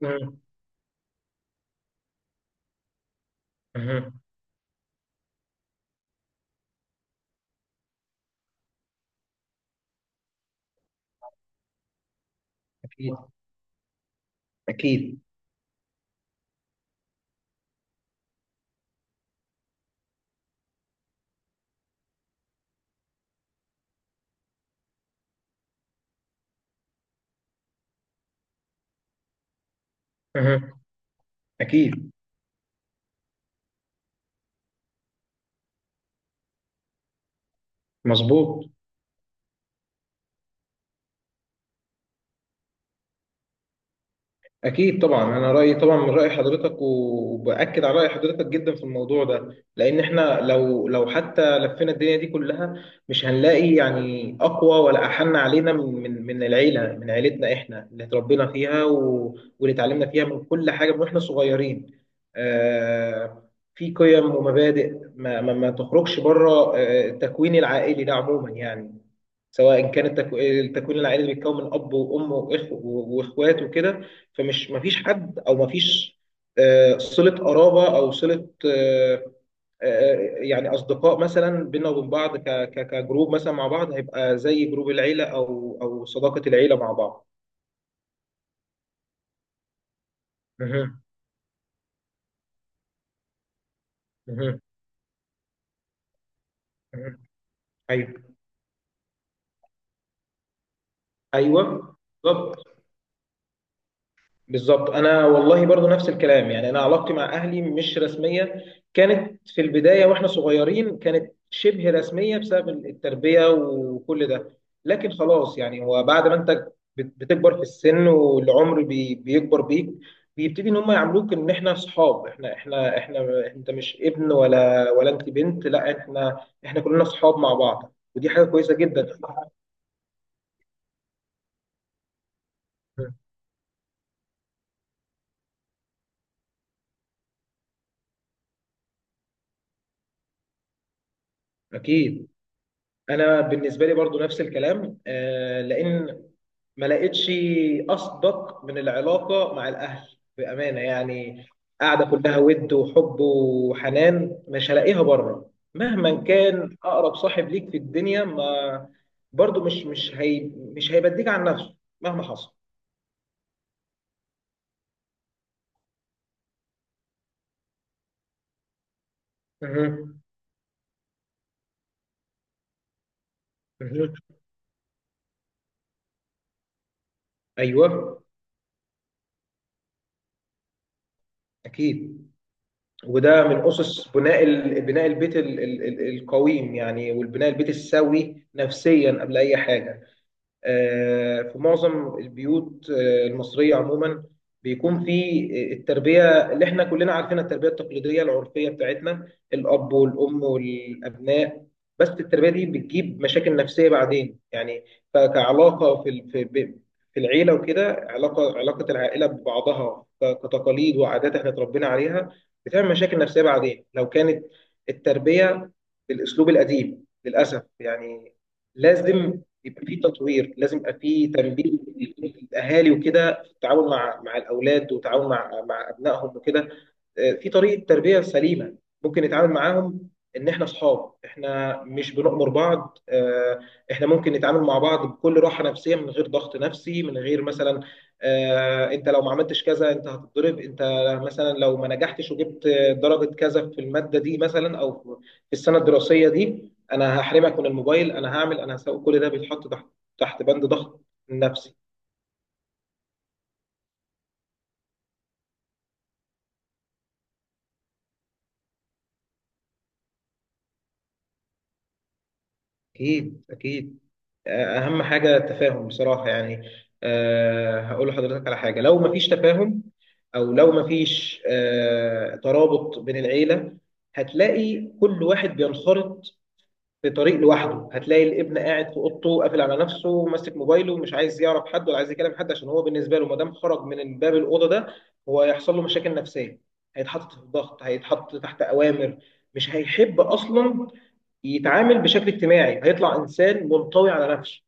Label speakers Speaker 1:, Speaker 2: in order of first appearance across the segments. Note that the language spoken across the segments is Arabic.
Speaker 1: مم. مم. أكيد أكيد. مم. أكيد. مظبوط. أكيد طبعا، أنا رأيي طبعا من رأي حضرتك، وبأكد على رأي حضرتك جدا في الموضوع ده، لأن إحنا لو حتى لفينا الدنيا دي كلها مش هنلاقي يعني أقوى ولا أحن علينا من العيلة، من عيلتنا إحنا اللي اتربينا فيها واللي اتعلمنا فيها من كل حاجة من وإحنا صغيرين. آه، في قيم ومبادئ ما تخرجش بره، التكوين العائلي ده عموما يعني، سواء كان التكوين العائلي اللي بيتكون من أب وأم وإخ وإخوات وكده، فمش مفيش حد او مفيش صلة قرابة او صلة، آه، يعني اصدقاء مثلا بينا وبين بعض كجروب مثلا مع بعض، هيبقى زي جروب العيلة او صداقة العيلة مع بعض. مهم. مهم. مهم. ايوه. ايوه. بالظبط. بالظبط، انا والله برضو نفس الكلام يعني، انا علاقتي مع اهلي مش رسميه. كانت في البدايه واحنا صغيرين كانت شبه رسميه بسبب التربيه وكل ده، لكن خلاص يعني هو بعد ما انت بتكبر في السن والعمر بيكبر بيك، بيبتدي ان هم يعاملوك ان احنا اصحاب، احنا انت مش ابن ولا انت بنت، لا، احنا كلنا اصحاب مع بعض، ودي حاجه كويسه جدا. اكيد. انا بالنسبه لي برضو نفس الكلام، لان ما لقيتش اصدق من العلاقه مع الاهل بامانه يعني، قاعده كلها ود وحب وحنان، مش هلاقيها بره. مهما كان اقرب صاحب ليك في الدنيا، ما برضو مش مش هي مش هيبديك عن نفسه مهما حصل. مهم. مهم. ايوه. اكيد. وده من اسس بناء بناء البيت القويم يعني، والبناء البيت السوي نفسيا قبل اي حاجه. في معظم البيوت المصرية عموما بيكون في التربية اللي احنا كلنا عارفينها، التربية التقليدية العرفية بتاعتنا، الأب والأم والأبناء. بس التربية دي بتجيب مشاكل نفسية بعدين يعني، كعلاقة في في في العيلة وكده، علاقة العائلة ببعضها كتقاليد وعادات احنا اتربينا عليها، بتعمل مشاكل نفسية بعدين لو كانت التربية بالأسلوب القديم للأسف يعني. لازم يبقى في تطوير، لازم يبقى في تنبيه للاهالي وكده، في التعاون مع الاولاد، وتعاون مع ابنائهم وكده. في طريقه تربيه سليمه ممكن نتعامل معاهم، ان احنا اصحاب، احنا مش بنؤمر بعض. احنا ممكن نتعامل مع بعض بكل راحه نفسيه من غير ضغط نفسي، من غير مثلا انت لو ما عملتش كذا انت هتتضرب، انت مثلا لو ما نجحتش وجبت درجه كذا في الماده دي مثلا او في السنه الدراسيه دي انا هحرمك من الموبايل، انا هسوي. كل ده بيتحط تحت، تحت بند ضغط نفسي. أكيد أكيد. أهم حاجة التفاهم بصراحة يعني. هقول لحضرتك على حاجة، لو مفيش تفاهم أو لو مفيش ترابط بين العيلة، هتلاقي كل واحد بينخرط في طريق لوحده، هتلاقي الابن قاعد في أوضته قافل على نفسه ماسك موبايله، مش عايز يعرف حد ولا عايز يكلم حد، عشان هو بالنسبة له ما دام خرج من باب الأوضة ده، هو هيحصل له مشاكل نفسية، هيتحط في ضغط، هيتحط تحت أوامر، مش هيحب أصلا يتعامل بشكل اجتماعي، هيطلع انسان منطوي على نفسه.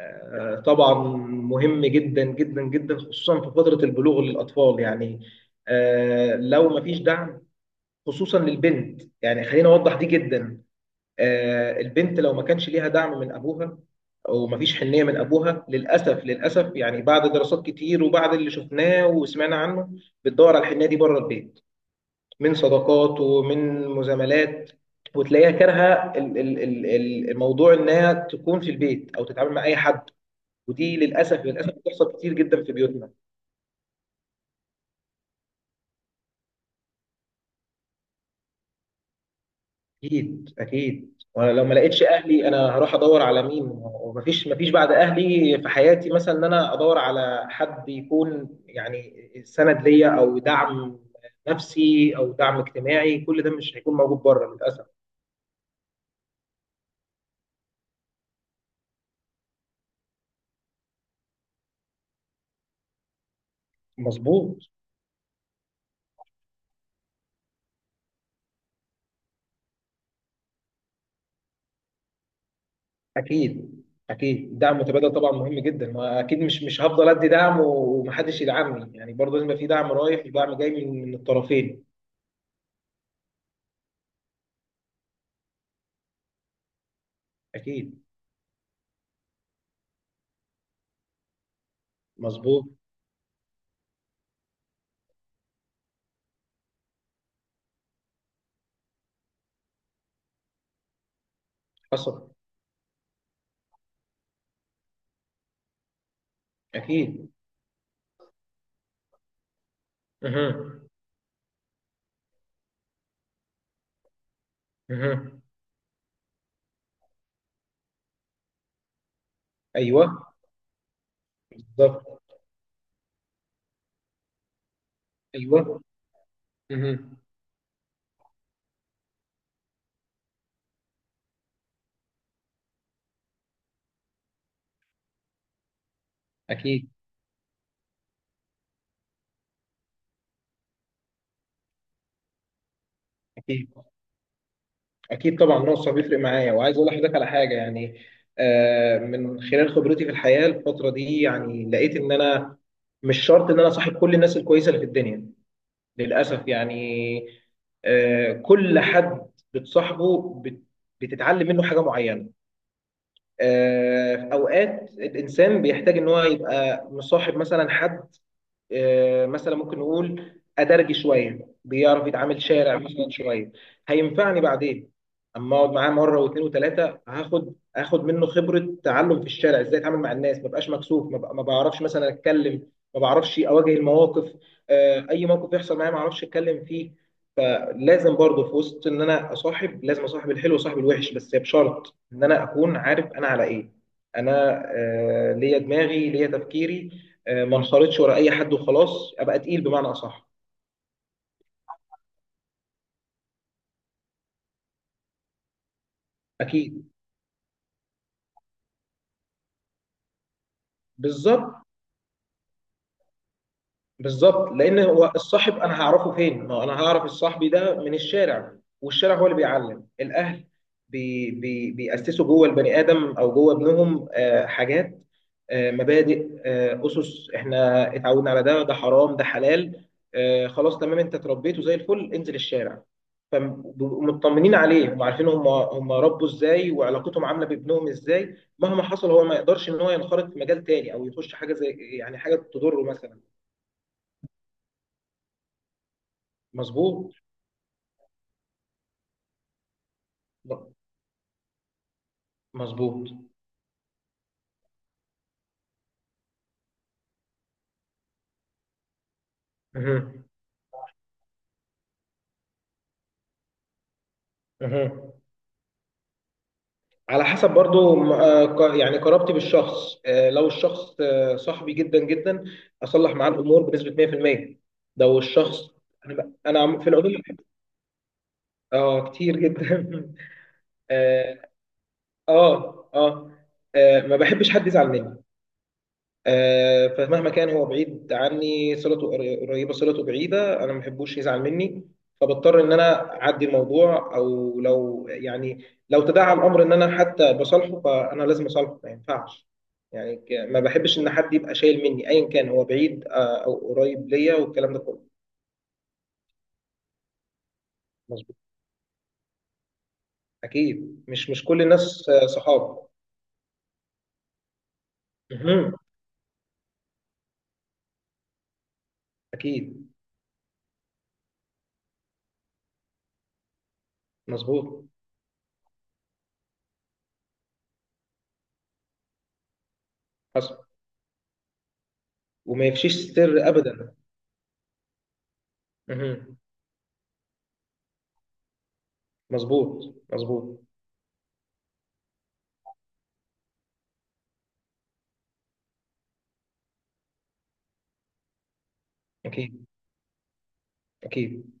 Speaker 1: طبعا، مهم جدا جدا جدا، خصوصا في فتره البلوغ للاطفال يعني. لو ما فيش دعم، خصوصا للبنت يعني، خلينا اوضح دي جدا. البنت لو ما كانش ليها دعم من ابوها، ومفيش حنيه من ابوها، للاسف للاسف يعني بعد دراسات كتير وبعد اللي شفناه وسمعنا عنه، بتدور على الحنيه دي بره البيت، من صداقات ومن مزاملات، وتلاقيها كارهه الموضوع انها تكون في البيت او تتعامل مع اي حد، ودي للاسف للاسف بتحصل كتير جدا في بيوتنا. اكيد اكيد، وانا لو ما لقيتش اهلي انا هروح ادور على مين؟ ومفيش، بعد اهلي في حياتي مثلا ان انا ادور على حد يكون يعني سند ليا، او دعم نفسي او دعم اجتماعي، كل ده مش هيكون موجود بره للاسف. مظبوط. اكيد. اكيد دعم متبادل طبعا مهم جدا، ما اكيد مش مش هفضل ادي دعم ومحدش يدعمني يعني، برضه لازم يبقى في دعم رايح ودعم جاي من الطرفين. اكيد. مظبوط. حصل. اكيد. اها. اها. ايوه. بالظبط. ايوه. اها. اكيد. اكيد اكيد طبعا، نقص بيفرق معايا، وعايز اقول لحضرتك على حاجه يعني. من خلال خبرتي في الحياه الفتره دي يعني، لقيت ان انا مش شرط ان انا صاحب كل الناس الكويسه اللي في الدنيا للأسف يعني. كل حد بتصاحبه بتتعلم منه حاجة معينة. في أوقات الإنسان بيحتاج إن هو يبقى مصاحب مثلا حد مثلا ممكن نقول أدرجي شوية، بيعرف يتعامل شارع مثلا شوية، هينفعني بعدين. أما أقعد معاه مرة واثنين وثلاثة، هاخد منه خبرة، تعلم في الشارع إزاي أتعامل مع الناس، ما بقاش مكسوف، ما بعرفش مثلا أتكلم، ما بعرفش أواجه المواقف. أي موقف يحصل معايا ما أعرفش أتكلم فيه. لازم برضه في وسط ان انا اصاحب، لازم اصاحب الحلو وصاحب الوحش، بس بشرط ان انا اكون عارف انا على ايه. انا ليا دماغي، ليا تفكيري. ما انخرطش ورا اي حد وخلاص، ابقى تقيل بمعنى اصح. اكيد. بالظبط. بالظبط، لان هو الصاحب انا هعرفه فين؟ ما هو انا هعرف الصاحبي ده من الشارع. والشارع هو اللي بيعلم. الاهل بي بي بيأسسوا جوه البني ادم او جوه ابنهم حاجات، مبادئ، اسس احنا اتعودنا على ده، ده حرام ده حلال. خلاص تمام، انت اتربيته زي الفل، انزل الشارع. فمطمنين عليه، هم عارفين هم ربوا ازاي، وعلاقتهم عامله بابنهم ازاي، مهما حصل هو ما يقدرش ان هو ينخرط في مجال تاني او يخش حاجه زي يعني حاجه تضره مثلا. مظبوط مظبوط. مهم. مهم. على حسب برضو، يعني قرابتي بالشخص. لو الشخص صاحبي جدا جدا، اصلح معاه الامور بنسبه 100%. لو الشخص، انا ب- أنا عم- في العموم. اه كتير جدا. اه. اه اه. ما بحبش حد يزعل مني. فمهما كان هو بعيد عني، صلته قريبه صلته بعيده، انا ما بحبوش يزعل مني. فبضطر ان انا اعدي الموضوع، او لو يعني لو تداعى الامر ان انا حتى بصالحه فانا لازم اصالحه، ما ينفعش يعني، ما بحبش ان حد يبقى شايل مني، ايا كان هو بعيد او قريب ليا والكلام ده كله. مظبوط. اكيد، مش مش كل الناس صحاب. مهم. اكيد. مظبوط. حصل. وما يفشيش سر ابدا. مهم. مظبوط مظبوط. اكيد. اكيد.